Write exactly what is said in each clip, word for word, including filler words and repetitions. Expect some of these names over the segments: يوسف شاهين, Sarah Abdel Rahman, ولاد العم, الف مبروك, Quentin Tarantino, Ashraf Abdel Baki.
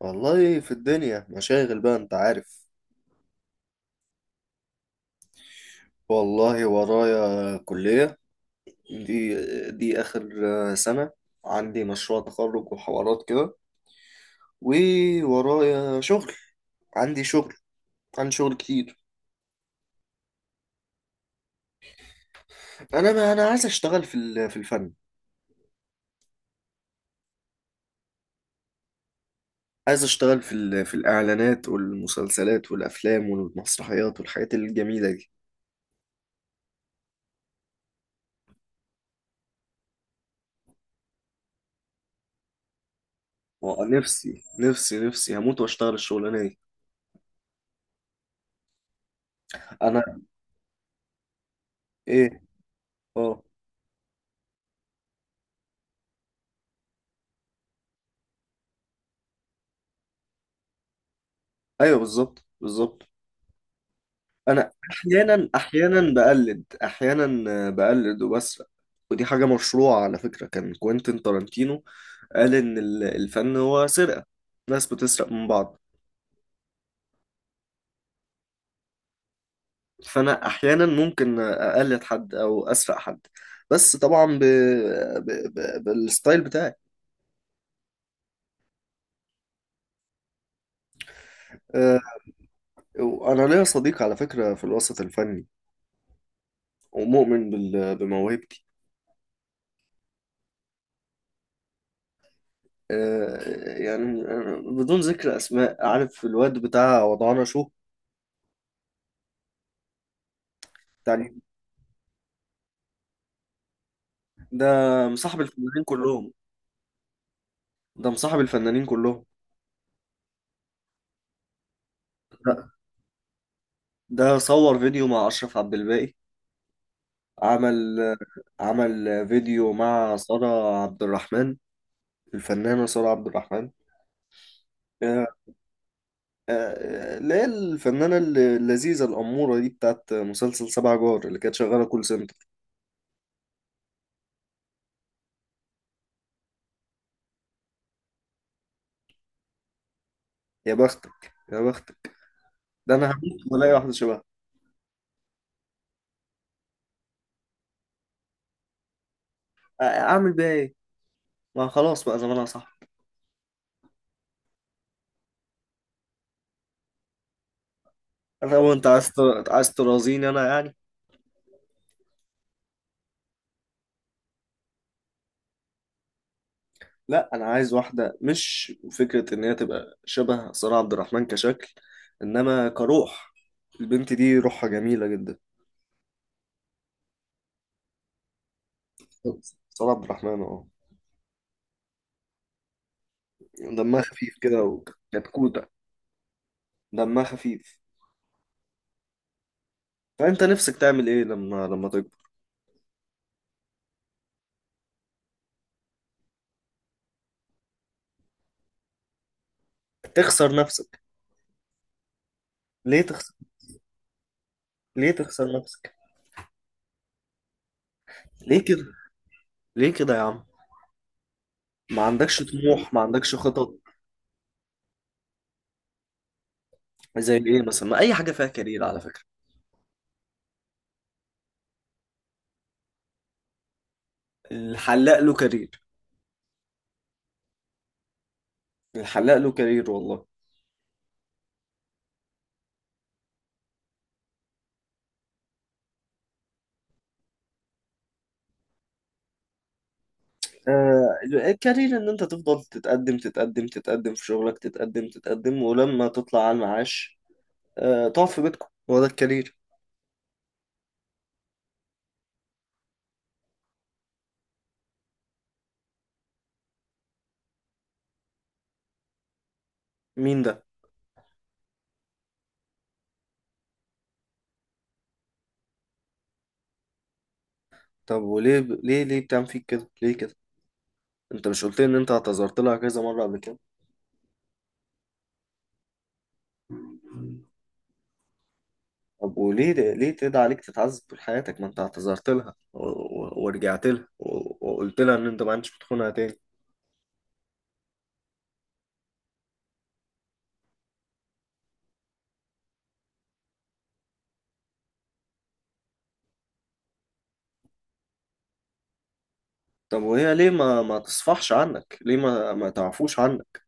والله في الدنيا مشاغل بقى، انت عارف. والله ورايا كلية. دي دي آخر سنة. عندي مشروع تخرج وحوارات كده، وورايا شغل. عندي شغل. عندي شغل كتير. انا ما انا عايز اشتغل في ال- في الفن. عايز اشتغل في ال- في الاعلانات والمسلسلات والافلام والمسرحيات والحاجات الجميلة دي. نفسي نفسي نفسي هموت واشتغل الشغلانة دي. انا، ايه، اه، ايوه بالظبط بالظبط. انا احيانا احيانا بقلد، احيانا آه، بقلد وبسرق. ودي حاجة مشروعة على فكرة، كان كوينتين تارانتينو قال ان ال- الفن هو سرقة. ناس بتسرق من بعض، فانا احيانا ممكن اقلد حد او اسرق حد، بس طبعا ب... ب... ب... بالستايل بتاعي. آه، انا ليا صديق على فكرة في الوسط الفني، ومؤمن بال... بموهبتي. آه، يعني آه، بدون ذكر اسماء، عارف الواد بتاع وضعنا شو. بتاع، ده مصاحب الفنانين كلهم. ده مصاحب الفنانين كلهم. ده, ده صور فيديو مع أشرف عبد الباقي. عمل، عمل فيديو مع سارة عبد الرحمن، الفنانة سارة عبد الرحمن. آه، آه، آه، اللي هي الفنانة الل- اللذيذة الأمورة دي، بتاعت مسلسل سبع جار اللي كانت شغالة كول سنتر. يا بختك يا بختك. ده أنا هموت وألاقي واحدة شبهها. آه، أعمل بيها إيه؟ ما خلاص بقى زمانها صح. لو أنت عايز ت- عايز ترازيني أنا يعني. لا انا عايز واحده مش فكره ان هي تبقى شبه سارة عبد الرحمن كشكل، انما كروح. البنت دي روحها جميله جدا. سارة عبد الرحمن، اه. دمها خفيف كده وكتكوته. دمها خفيف. فانت نفسك تعمل ايه لما لما تكبر؟ تخسر نفسك؟ ليه تخسر؟ ليه تخسر نفسك؟ ليه كده؟ ليه كده يا عم؟ ما عندكش طموح؟ ما عندكش خطط؟ زي ايه مثلا؟ ما اي حاجه فيها كارير على فكره. الحلاق له كارير. الحلاق له كارير والله. آه، الكارير ان انت تفضل تتقدم تتقدم تتقدم في شغلك، تتقدم تتقدم ولما تطلع على المعاش آه، تقعد في بيتكم، هو ده الكارير. مين ده؟ طب وليه ليه ليه بتعمل فيك كده؟ ليه كده؟ انت مش قلت لي ان انت اعتذرت لها كذا مرة قبل كده؟ طب وليه ليه تدعي عليك تتعذب طول حياتك؟ ما انت اعتذرت لها و- و- ورجعت لها و- وقلت لها ان انت ما عندكش بتخونها تاني. طب وهي ليه ما ما تصفحش عنك؟ ليه ما ما تعفوش عنك؟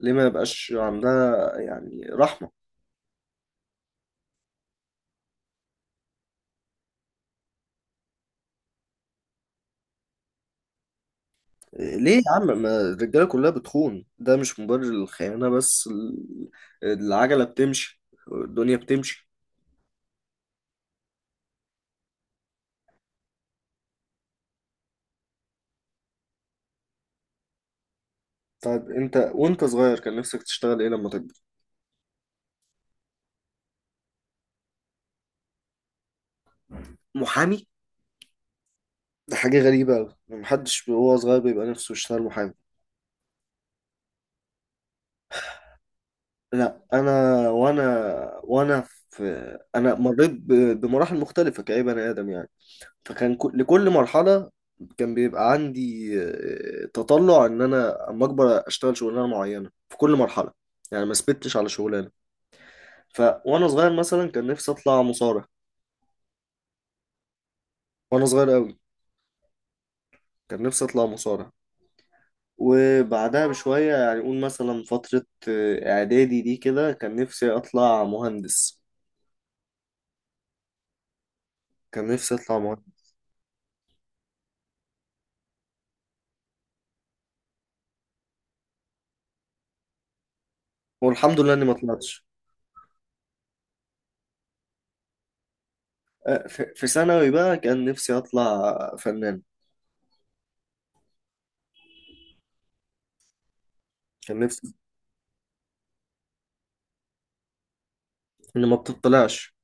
ليه ما يبقاش عندها يعني رحمة؟ ليه يا عم؟ ما الرجاله كلها بتخون، ده مش مبرر للخيانه، بس ال- العجله بتمشي، الدنيا بتمشي. طيب انت وانت صغير كان نفسك تشتغل ايه لما تكبر؟ محامي؟ ده حاجه غريبه قوي، محدش وهو صغير بيبقى نفسه يشتغل محامي. لا انا، وانا وانا في انا مريت ب- بمراحل مختلفه كأي بني ادم يعني. فكان كل- لكل مرحلة كان بيبقى عندي آه، تطلع ان انا اما اكبر اشتغل شغلانة معينة في كل مرحلة. يعني ما ثبتش على شغلانة. ف وانا صغير مثلا كان نفسي اطلع مصارع. وانا صغير قوي كان نفسي اطلع مصارع. وبعدها بشوية يعني قول مثلا فترة آه، اعدادي دي كده، كان نفسي اطلع مهندس. كان نفسي اطلع مهندس. والحمد لله اني ما طلعتش. آه، في في ثانوي بقى كان نفسي اطلع فنان. كان نفسي اني ما بتطلعش.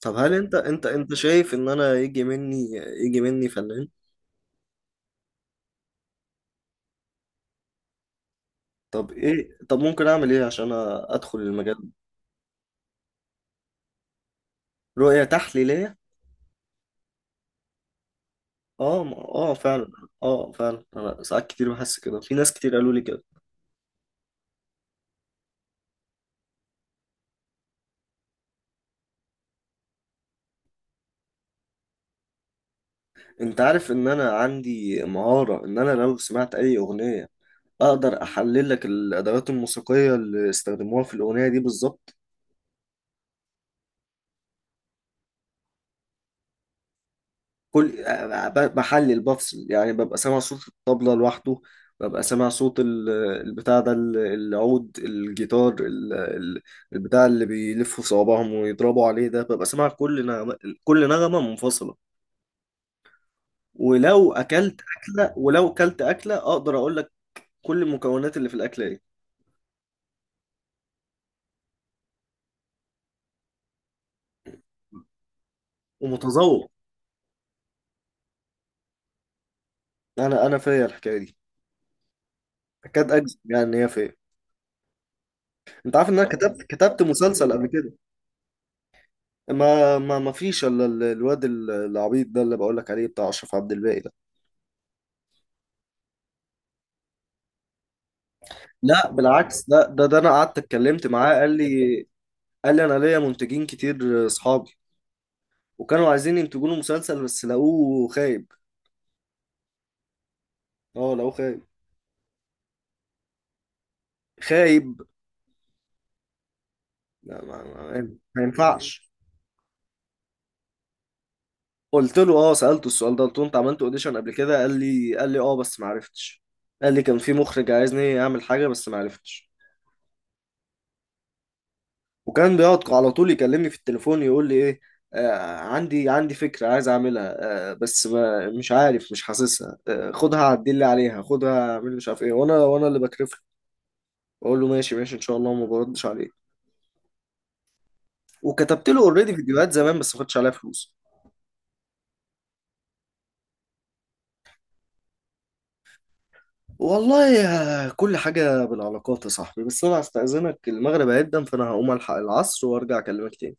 طب هل انت انت انت شايف ان انا يجي مني، يجي مني فنان؟ طب ايه؟ طب ممكن اعمل ايه عشان ادخل المجال ده؟ رؤية تحليلية؟ اه، ما- اه فعلا. اه فعلا انا ساعات كتير بحس كده، في ناس كتير قالوا لي كده. انت عارف ان انا عندي مهارة ان انا لو سمعت اي اغنية اقدر احلل لك الادوات الموسيقية اللي استخدموها في الاغنية دي بالظبط. كل آه، ب- بحلل بفصل يعني، ببقى سامع صوت الطبلة لوحده، ببقى سامع صوت ال- البتاع ده، ال- العود، الجيتار، ال- ال- البتاع اللي بيلفوا صوابعهم ويضربوا عليه ده، ببقى سامع كل نغمة، كل نغمة منفصلة. ولو أكلت أكلة ولو أكلت أكلة أقدر أقول لك كل المكونات اللي في الأكلة إيه. ومتذوق. أنا أنا فيا الحكاية دي، أكاد أجزم يعني إن هي فيا. أنت عارف إن أنا كتبت كتبت مسلسل قبل كده. ما ما ما فيش الا ال- الواد ال- العبيط ده اللي بقول لك عليه، بتاع اشرف عبد الباقي ده. لا بالعكس، ده ده ده انا قعدت اتكلمت معاه، قال لي، قال لي انا ليا منتجين كتير اصحابي، وكانوا عايزين ينتجوا له مسلسل بس لقوه خايب. اه لقوه خايب. خايب. لا ما, ما, ما ينفعش. قلت له، اه سألته السؤال ده، قلت له انت عملت اوديشن قبل كده؟ قال لي، قال لي اه بس ما عرفتش. قال لي كان في مخرج عايزني اعمل حاجة بس ما عرفتش. وكان بيقعد على طول يكلمني في التليفون يقول لي ايه، آه عندي عندي فكرة عايز اعملها، آه بس ما، مش عارف، مش حاسسها، آه خدها عدل لي عليها، خدها اعمل مش عارف ايه. وانا وانا اللي بكرف له، اقول له ماشي ماشي ان شاء الله وما بردش عليه. وكتبت له اوريدي فيديوهات زمان بس ما خدتش عليها فلوس. والله يا، كل حاجة بالعلاقات يا صاحبي، بس انا هستأذنك المغرب هيبدأ فانا هقوم الحق العصر وارجع اكلمك تاني.